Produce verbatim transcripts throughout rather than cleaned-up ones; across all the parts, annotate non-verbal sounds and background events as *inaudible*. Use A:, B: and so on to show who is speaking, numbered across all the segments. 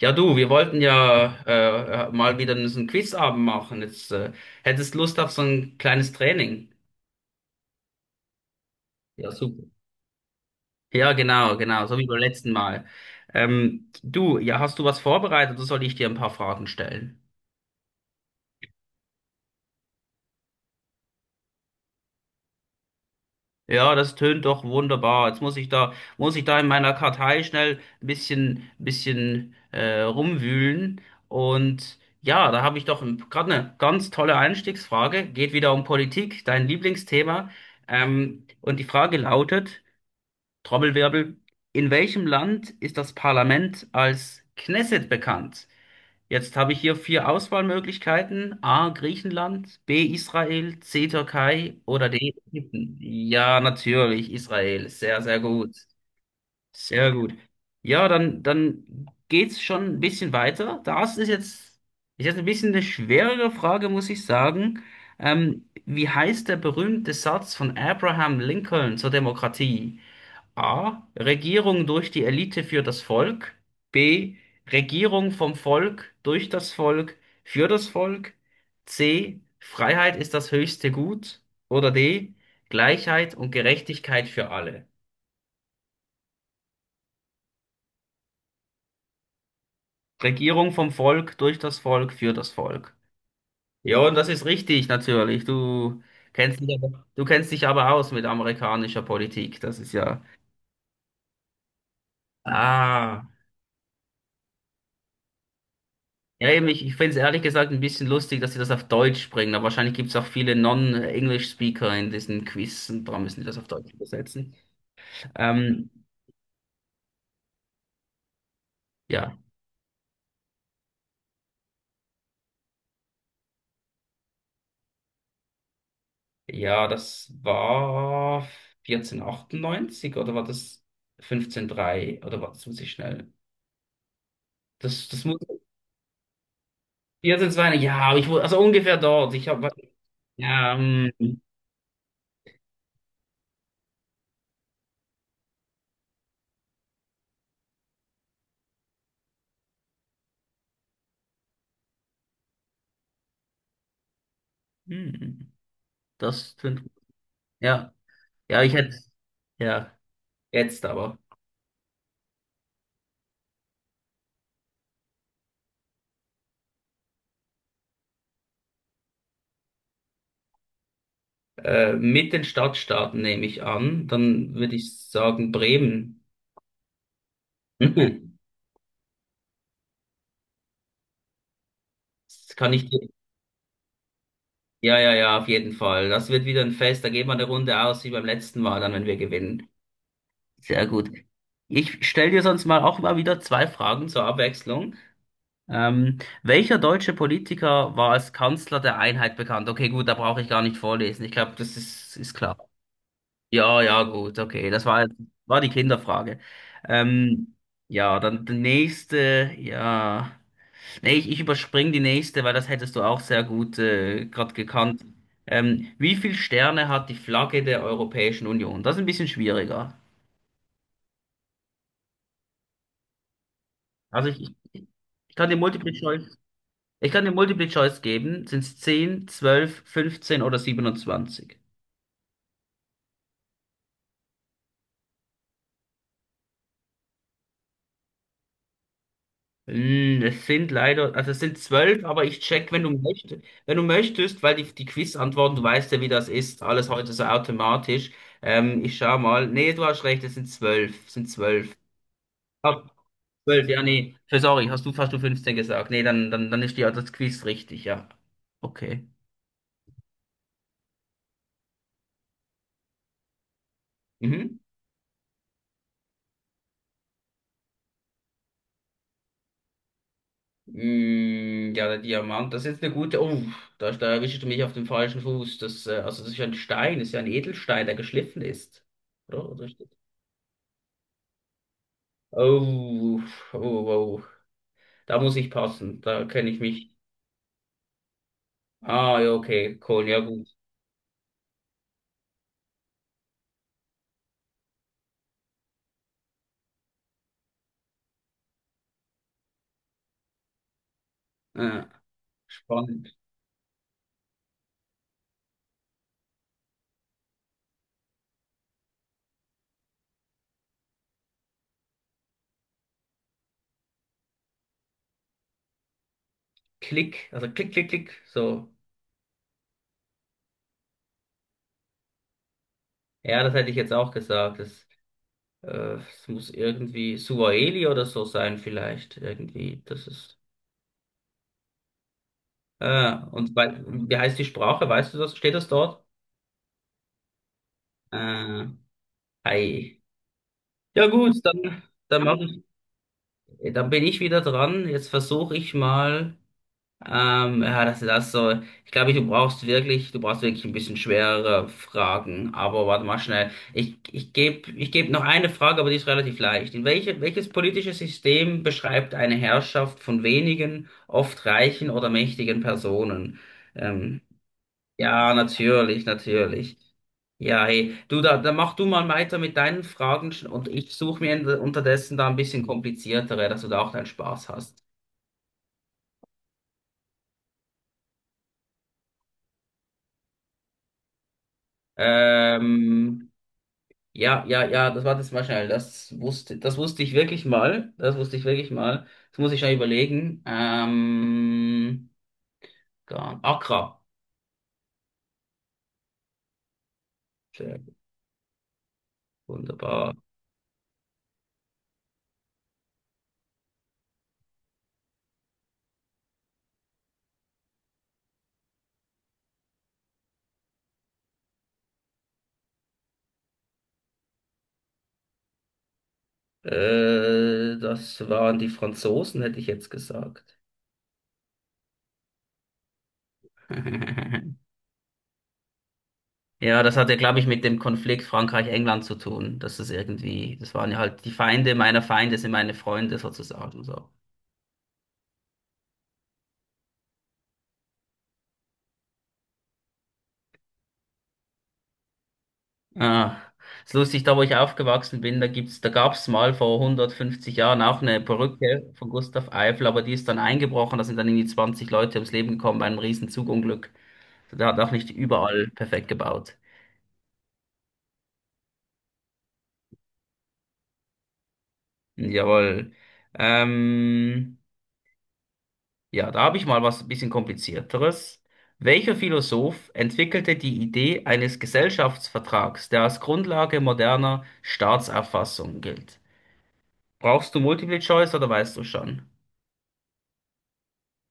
A: Ja, du, wir wollten ja äh, äh, mal wieder so einen Quizabend machen. Jetzt äh, hättest Lust auf so ein kleines Training. Ja, super. Ja, genau, genau, so wie beim letzten Mal. Ähm, du, ja, hast du was vorbereitet oder soll ich dir ein paar Fragen stellen? Ja, das tönt doch wunderbar. Jetzt muss ich da, muss ich da in meiner Kartei schnell ein bisschen, bisschen äh, rumwühlen. Und ja, da habe ich doch gerade eine ganz tolle Einstiegsfrage. Geht wieder um Politik, dein Lieblingsthema. Ähm, und die Frage lautet, Trommelwirbel, in welchem Land ist das Parlament als Knesset bekannt? Jetzt habe ich hier vier Auswahlmöglichkeiten: A, Griechenland, B, Israel, C, Türkei oder D, Ägypten. Ja, natürlich, Israel. Sehr, sehr gut. Sehr gut. Ja, dann, dann geht's schon ein bisschen weiter. Das ist jetzt, ist jetzt ein bisschen eine schwerere Frage, muss ich sagen. Ähm, wie heißt der berühmte Satz von Abraham Lincoln zur Demokratie? A. Regierung durch die Elite für das Volk. B. Regierung vom Volk, durch das Volk, für das Volk. C. Freiheit ist das höchste Gut. Oder D. Gleichheit und Gerechtigkeit für alle. Regierung vom Volk, durch das Volk, für das Volk. Ja, und das ist richtig, natürlich. Du kennst dich aber, du kennst dich aber aus mit amerikanischer Politik. Das ist ja. Ah. Ja, eben, ich, ich finde es ehrlich gesagt ein bisschen lustig, dass sie das auf Deutsch bringen, aber wahrscheinlich gibt es auch viele Non-English-Speaker in diesen Quiz und darum müssen die das auf Deutsch übersetzen. Ähm, ja. Ja, das war vierzehnhundertachtundneunzig oder war das fünfzehnhundertdrei oder war das muss ich schnell. Das, das muss vierzehnhundertzweiundneunzig, ja, aber ich wurde, also ungefähr dort. Ich habe, ja, ähm, hm, das, fünf- ja, ja, ich hätte, ja, jetzt aber. Äh, mit den Stadtstaaten nehme ich an. Dann würde ich sagen Bremen. *laughs* Das kann ich dir. Ja, ja, ja, auf jeden Fall. Das wird wieder ein Fest. Da gehen wir eine Runde aus wie beim letzten Mal, dann wenn wir gewinnen. Sehr gut. Ich stelle dir sonst mal auch mal wieder zwei Fragen zur Abwechslung. Ähm, welcher deutsche Politiker war als Kanzler der Einheit bekannt? Okay, gut, da brauche ich gar nicht vorlesen. Ich glaube, das ist, ist klar. Ja, ja, gut, okay. Das war, war die Kinderfrage. Ähm, ja, dann die nächste, ja. Nee, ich, ich überspringe die nächste, weil das hättest du auch sehr gut äh, gerade gekannt. Ähm, wie viele Sterne hat die Flagge der Europäischen Union? Das ist ein bisschen schwieriger. Also ich, ich, ich kann dir Multiple Choice, ich kann dir Multiple Choice geben. Sind es zehn, zwölf, fünfzehn oder siebenundzwanzig? Hm, es sind leider, also es sind zwölf, aber ich check, wenn du möchtest, wenn du möchtest, weil die, die Quiz-Antworten, du weißt ja, wie das ist, alles heute so automatisch. Ähm, ich schau mal. Nee, du hast recht, es sind zwölf, es sind zwölf. Ach, zwölf, ja, nee. Für- Sorry, hast du fast du fünfzehn gesagt. Nee, dann, dann, dann ist die, das Quiz richtig, ja. Okay. Mhm. Mm, ja, der Diamant, das ist jetzt eine gute. Oh, da, da erwischst du mich auf dem falschen Fuß. Das, äh, also das ist ja ein Stein, das ist ja ein Edelstein, der geschliffen ist. Oder? Oh, oh, oh. Da muss ich passen. Da kenne ich mich. Ah, ja, okay. Cool, ja, gut. Ja, spannend. Klick, also klick, klick, klick. So. Ja, das hätte ich jetzt auch gesagt. Das, äh, es muss irgendwie Suaheli oder so sein, vielleicht. Irgendwie. Das ist. Ah, und wei- wie heißt die Sprache? Weißt du das? Steht das dort? Äh, ei. Ja, gut, dann, dann mach ich, dann bin ich wieder dran. Jetzt versuche ich mal. Ähm, ja, das ist das so. Ich glaube, du brauchst wirklich, du brauchst wirklich ein bisschen schwerere Fragen. Aber warte mal schnell. Ich, ich gebe, ich geb noch eine Frage, aber die ist relativ leicht. In welche, welches politische System beschreibt eine Herrschaft von wenigen, oft reichen oder mächtigen Personen? Ähm, ja, natürlich, natürlich. Ja, hey, du, da, da mach du mal weiter mit deinen Fragen sch- und ich suche mir in- unterdessen da ein bisschen kompliziertere, dass du da auch deinen Spaß hast. Ähm, Ja, ja, ja, das war das mal schnell. Das wusste, das wusste ich wirklich mal. Das wusste ich wirklich mal. Das muss ich schnell überlegen. Ähm, Gan- Accra. Sehr gut, wunderbar. Äh, das waren die Franzosen, hätte ich jetzt gesagt. *laughs* Ja, das hatte, glaube ich, mit dem Konflikt Frankreich-England zu tun. Dass das irgendwie, das waren ja halt die Feinde meiner Feinde sind meine Freunde sozusagen. So. Ah, ist lustig, da wo ich aufgewachsen bin, da gibt's, da gab's mal vor hundertfünfzig Jahren auch eine Perücke von Gustav Eiffel, aber die ist dann eingebrochen, da sind dann irgendwie zwanzig Leute ums Leben gekommen bei einem riesen Zugunglück. Der hat auch nicht überall perfekt gebaut. Hm, jawohl. Ähm, ja, da habe ich mal was ein bisschen komplizierteres. Welcher Philosoph entwickelte die Idee eines Gesellschaftsvertrags, der als Grundlage moderner Staatsauffassung gilt? Brauchst du Multiple Choice oder weißt du schon?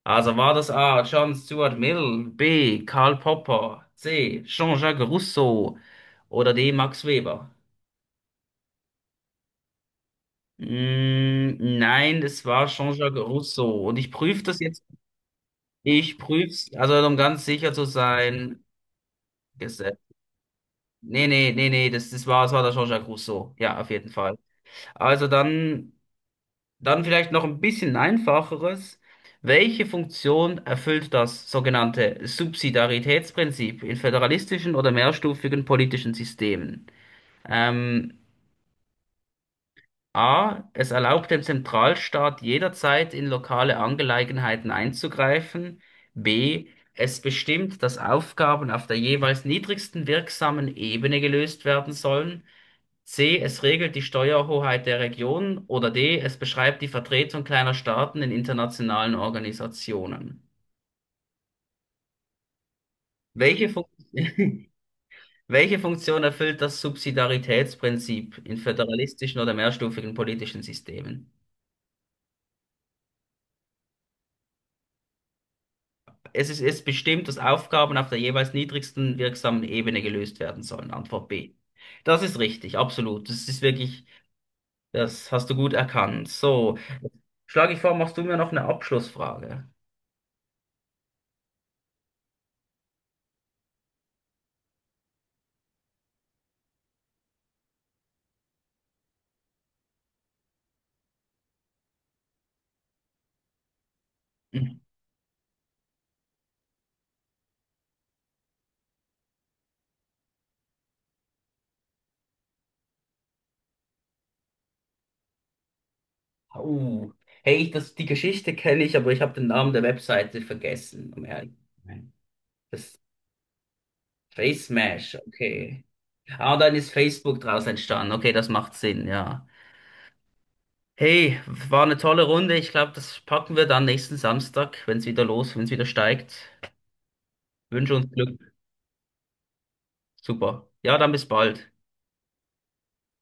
A: Also war das A. John Stuart Mill, B. Karl Popper, C. Jean-Jacques Rousseau oder D. Max Weber? Mm, nein, es war Jean-Jacques Rousseau. Und ich prüfe das jetzt. Ich prüf's, also um ganz sicher zu sein. Gesetz. Nee, nee, nee, nee, das, das war, das war der Jean-Jacques Rousseau. Ja, auf jeden Fall. Also dann. Dann vielleicht noch ein bisschen einfacheres. Welche Funktion erfüllt das sogenannte Subsidiaritätsprinzip in föderalistischen oder mehrstufigen politischen Systemen? Ähm, A. Es erlaubt dem Zentralstaat jederzeit in lokale Angelegenheiten einzugreifen. B. Es bestimmt, dass Aufgaben auf der jeweils niedrigsten wirksamen Ebene gelöst werden sollen. C. Es regelt die Steuerhoheit der Region. Oder D. Es beschreibt die Vertretung kleiner Staaten in internationalen Organisationen. Welche Fun- *laughs* Welche Funktion erfüllt das Subsidiaritätsprinzip in föderalistischen oder mehrstufigen politischen Systemen? Es ist, es bestimmt, dass Aufgaben auf der jeweils niedrigsten wirksamen Ebene gelöst werden sollen. Antwort B. Das ist richtig, absolut. Das ist wirklich, das hast du gut erkannt. So, schlage ich vor, machst du mir noch eine Abschlussfrage? Uh. Hey, ich, das, die Geschichte kenne ich, aber ich habe den Namen der Webseite vergessen, um ehrlich zu sein. Das Face Smash, okay. Ah, dann ist Facebook draus entstanden. Okay, das macht Sinn, ja. Hey, war eine tolle Runde. Ich glaube, das packen wir dann nächsten Samstag, wenn es wieder los, wenn es wieder steigt. Wünsche uns Glück. Super. Ja, dann bis bald.